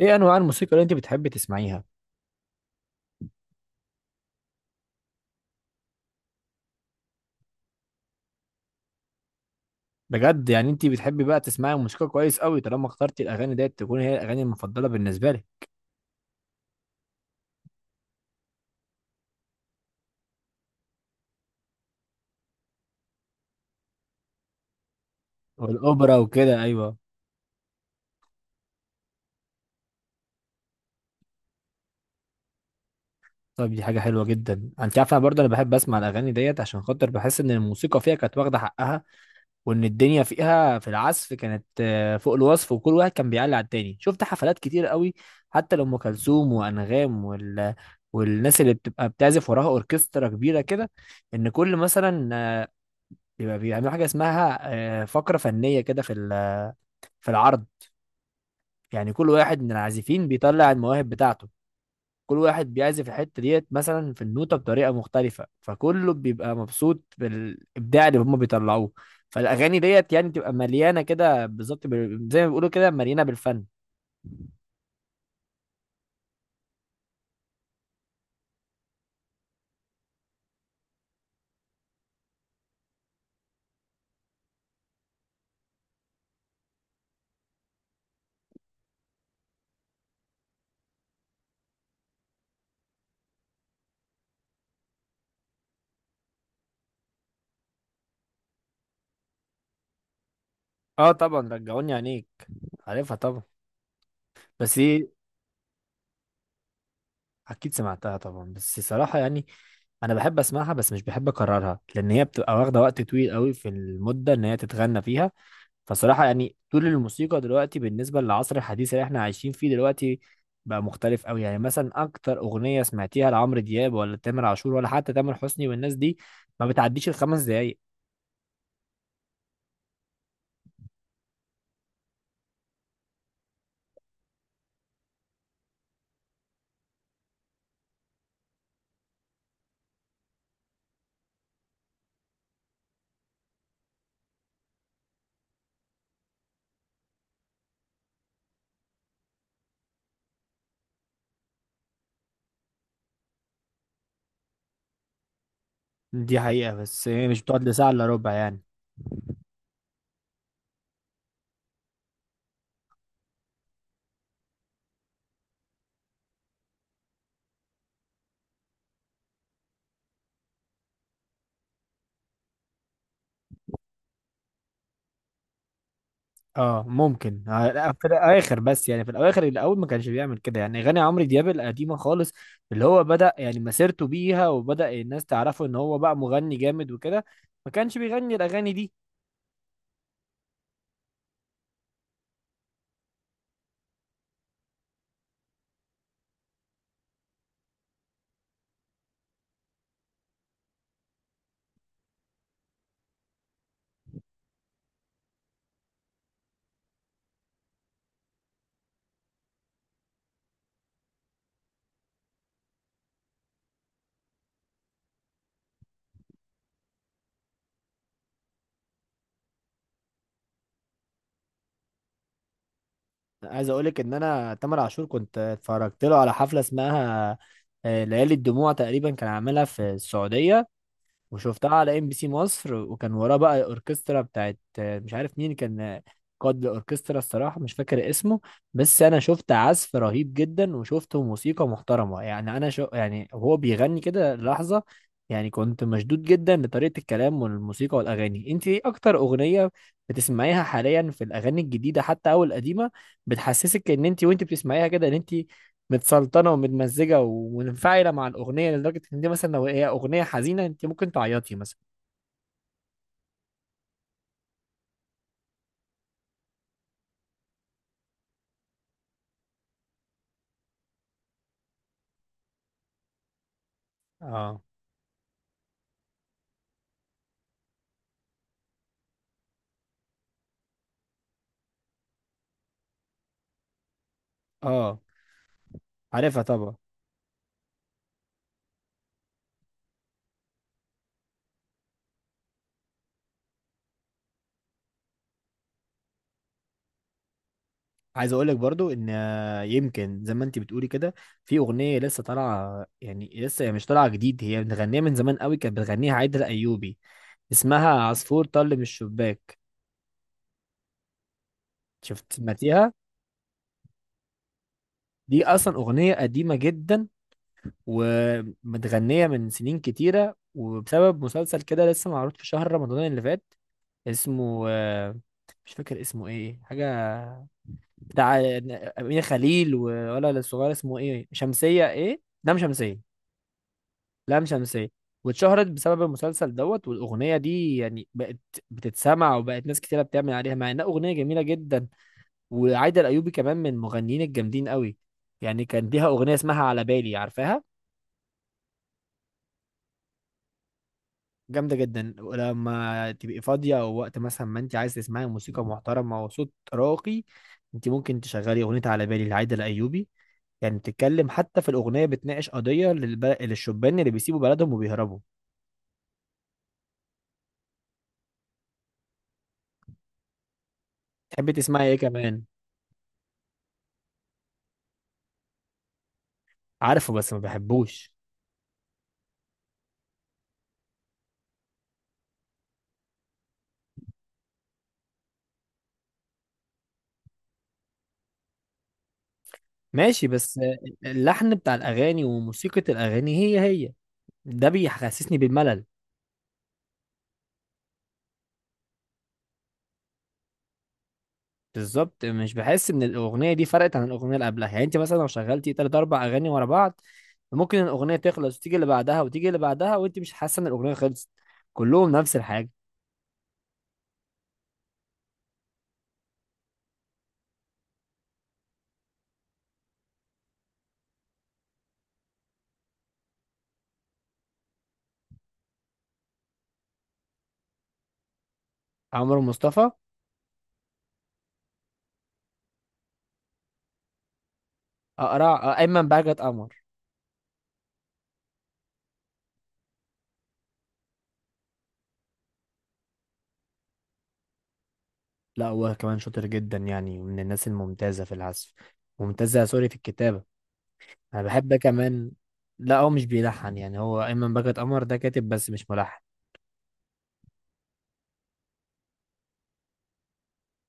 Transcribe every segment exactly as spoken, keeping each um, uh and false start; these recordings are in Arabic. ايه انواع الموسيقى اللي انت بتحبي تسمعيها؟ بجد، يعني انت بتحبي بقى تسمعي موسيقى كويس قوي، طالما اخترتي الاغاني ديت تكون هي الاغاني المفضله بالنسبه لك. والاوبرا وكده، ايوه. طب دي حاجه حلوه جدا. انت عارفه، انا برضه انا بحب اسمع الاغاني ديت، عشان خاطر بحس ان الموسيقى فيها كانت واخده حقها، وان الدنيا فيها في العزف كانت آه، فوق الوصف، وكل واحد كان بيعلي على التاني. شفت حفلات كتير قوي، حتى لام كلثوم وانغام وال والناس اللي بتبقى بتعزف وراها اوركسترا كبيره كده. ان كل مثلا بيبقى بيعملوا حاجه اسمها آه، فقره فنيه كده في ال- في العرض. يعني كل واحد من العازفين بيطلع المواهب بتاعته. كل واحد بيعزف الحته ديت مثلا في النوته بطريقه مختلفه، فكله بيبقى مبسوط بالابداع اللي هم بيطلعوه. فالاغاني ديت يعني تبقى مليانه كده بالظبط، ب- زي ما بيقولوا كده، مليانه بالفن. اه طبعا، رجعوني عينيك. عارفها طبعا. بس ايه، اكيد سمعتها طبعا، بس صراحه يعني انا بحب اسمعها بس مش بحب اكررها، لان هي بتبقى واخده وقت طويل قوي في المده ان هي تتغنى فيها. فصراحة يعني طول الموسيقى دلوقتي بالنسبة للعصر الحديث اللي احنا عايشين فيه دلوقتي بقى مختلف قوي. يعني مثلا اكتر اغنية سمعتيها لعمرو دياب ولا تامر عاشور ولا حتى تامر حسني والناس دي ما بتعديش الخمس دقايق. دي حقيقة، بس هي مش بتقعد لساعة الا ربع يعني. اه ممكن، آه، لا، في الاخر، بس يعني في الاواخر الاول ما كانش بيعمل كده، يعني اغاني عمرو دياب القديمة خالص اللي هو بدأ يعني مسيرته بيها وبدأ الناس تعرفه ان هو بقى مغني جامد وكده، ما كانش بيغني الاغاني دي. عايز اقولك ان انا تامر عاشور كنت اتفرجت له على حفله اسمها آه، ليالي الدموع، تقريبا كان عاملها في السعوديه، وشفتها على ام بي سي مصر. وكان وراه بقى اوركسترا بتاعت مش عارف مين كان قائد الاوركسترا، الصراحه مش فاكر اسمه. بس انا شفت عزف رهيب جدا وشفته موسيقى محترمه، يعني انا شو يعني هو بيغني كده لحظه. يعني كنت مشدود جدا لطريقه الكلام والموسيقى والاغاني. انت ايه اكتر اغنيه بتسمعيها حاليا في الاغاني الجديده حتى او القديمه بتحسسك ان انت وانت بتسمعيها كده ان انت متسلطنه ومتمزجه ومنفعله مع الاغنيه، لدرجه ان دي مثلا لو هي اغنيه حزينه انت ممكن تعيطي مثلا؟ اه. اه. عارفها طبعا. عايز اقول لك برضو ان آه، يمكن زي ما انت بتقولي كده، في اغنيه لسه طالعه، يعني لسه هي مش طالعه جديد، هي بتغنيها من زمان قوي، كانت بتغنيها عايده الايوبي، اسمها عصفور طل من الشباك. شفت، سمعتيها؟ دي اصلا اغنيه قديمه جدا ومتغنية من سنين كتيرة، وبسبب مسلسل كده لسه معروض في شهر رمضان اللي فات، اسمه آه، مش فاكر اسمه ايه، حاجة بتاع أمينة خليل ولا الصغير، اسمه ايه، شمسية، ايه، لام شمسية. لام شمسية. واتشهرت بسبب المسلسل دوت، والأغنية دي يعني بقت بتتسمع، وبقت ناس كتيرة بتعمل عليها، مع إنها أغنية جميلة جدا. وعايدة الأيوبي كمان من المغنيين الجامدين قوي، يعني كان ليها أغنية اسمها على بالي، عارفاها؟ جامدة جدا، ولما تبقي فاضية أو وقت مثلا ما أنت عايز تسمعي موسيقى محترمة وصوت راقي، أنت ممكن تشغلي أغنية على بالي لعايدة الأيوبي. يعني بتتكلم حتى في الأغنية، بتناقش قضية للب... للشبان اللي بيسيبوا بلدهم وبيهربوا. تحبي تسمعي إيه كمان؟ عارفه بس ما بحبوش. ماشي، بس اللحن بتاع الأغاني وموسيقى الأغاني هي هي، ده بيحسسني بالملل. بالظبط، مش بحس ان الاغنيه دي فرقت عن الاغنيه اللي قبلها. يعني انت مثلا لو شغلتي تلات اربع اغاني ورا بعض، ممكن الاغنيه تخلص وتيجي اللي بعدها وتيجي اللي بعدها وانت مش حاسه ان الاغنيه خلصت. كلهم نفس الحاجه. عمرو مصطفى. اقرع، ايمن بهجت قمر. لا، هو كمان شاطر جدا، يعني من الناس الممتازه في العزف. ممتازه، سوري، في الكتابه. انا بحب كمان. لا، هو مش بيلحن، يعني هو ايمن بهجت قمر ده كاتب بس مش ملحن.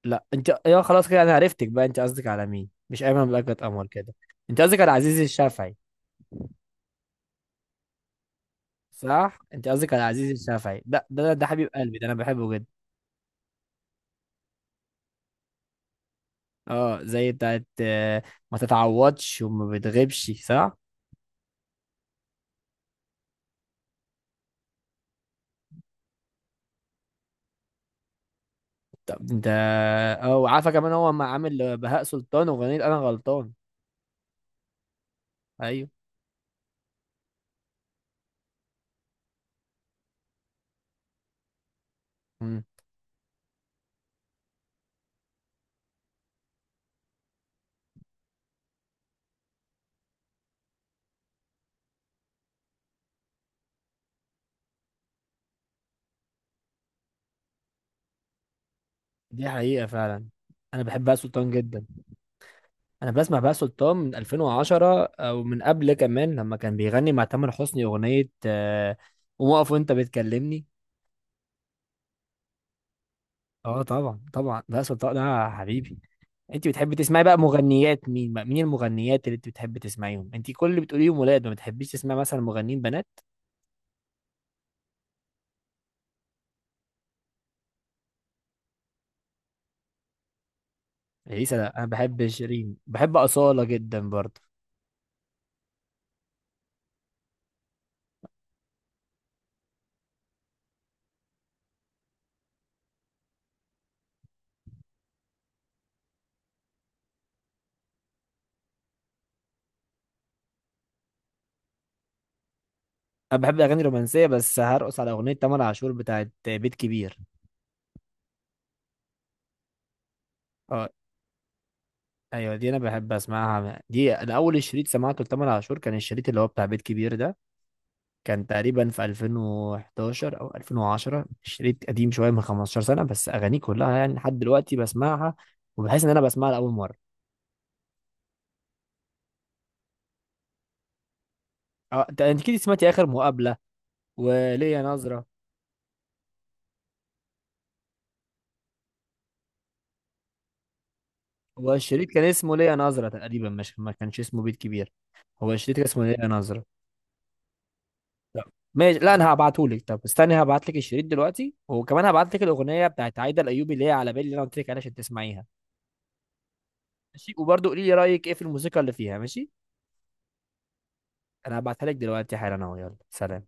لا انت، يا خلاص كده انا عرفتك بقى، انت قصدك على مين. مش ايمن بلقت قمر كده، انت قصدك على عزيز الشافعي. صح، انت قصدك على عزيز الشافعي، ده ده ده حبيب قلبي، ده انا بحبه جدا. اه، زي بتاعت آه، ما تتعوضش وما بتغيبش، صح. طب انت. اه، وعارفه كمان هو ما عامل بهاء سلطان واغنيه انا غلطان. ايوه. مم. دي حقيقه فعلا، انا بحب بهاء سلطان جدا. انا بسمع بقى سلطان من ألفين وعشرة او من قبل كمان، لما كان بيغني مع تامر حسني اغنيه آه، قوم اقف وانت بتكلمني. اه طبعا، طبعا بقى سلطان ده حبيبي. انت بتحبي تسمعي بقى مغنيات مين، بقى مين المغنيات اللي انت بتحبي تسمعيهم؟ انت كل اللي بتقوليهم ولاد، ما بتحبيش تسمعي مثلا مغنيين بنات؟ اليسا. لا، انا بحب شيرين، بحب اصاله جدا برضه. انا بحب الاغاني الرومانسيه، بس هرقص على اغنيه تامر عاشور بتاعت بيت كبير. اه. ايوه، دي انا بحب اسمعها. دي انا اول شريط سمعته لتامر عاشور كان الشريط اللي هو بتاع بيت كبير ده. كان تقريبا في ألفين وحداشر او ألفين وعشرة، شريط قديم شويه من 15 سنه، بس اغانيه كلها يعني لحد دلوقتي بسمعها وبحس ان انا بسمعها لاول مره. أه، انت، أنت اكيد سمعتي اخر مقابله وليا نظره. هو الشريط كان اسمه ليا نظره تقريبا، مش، ما كانش اسمه بيت كبير. هو الشريط كان اسمه ليا نظره. لا. ماشي، لا، انا هبعتهولك. طب استني، هبعتلك الشريط دلوقتي، وكمان هبعتلك الاغنيه بتاعت عايده الايوبي اللي هي على بالي اللي انا قلت لك عليها عشان تسمعيها. ماشي، وبرضه قولي لي رأيك ايه في الموسيقى اللي فيها، ماشي. انا هبعتها لك دلوقتي حالا اهو، يلا سلام.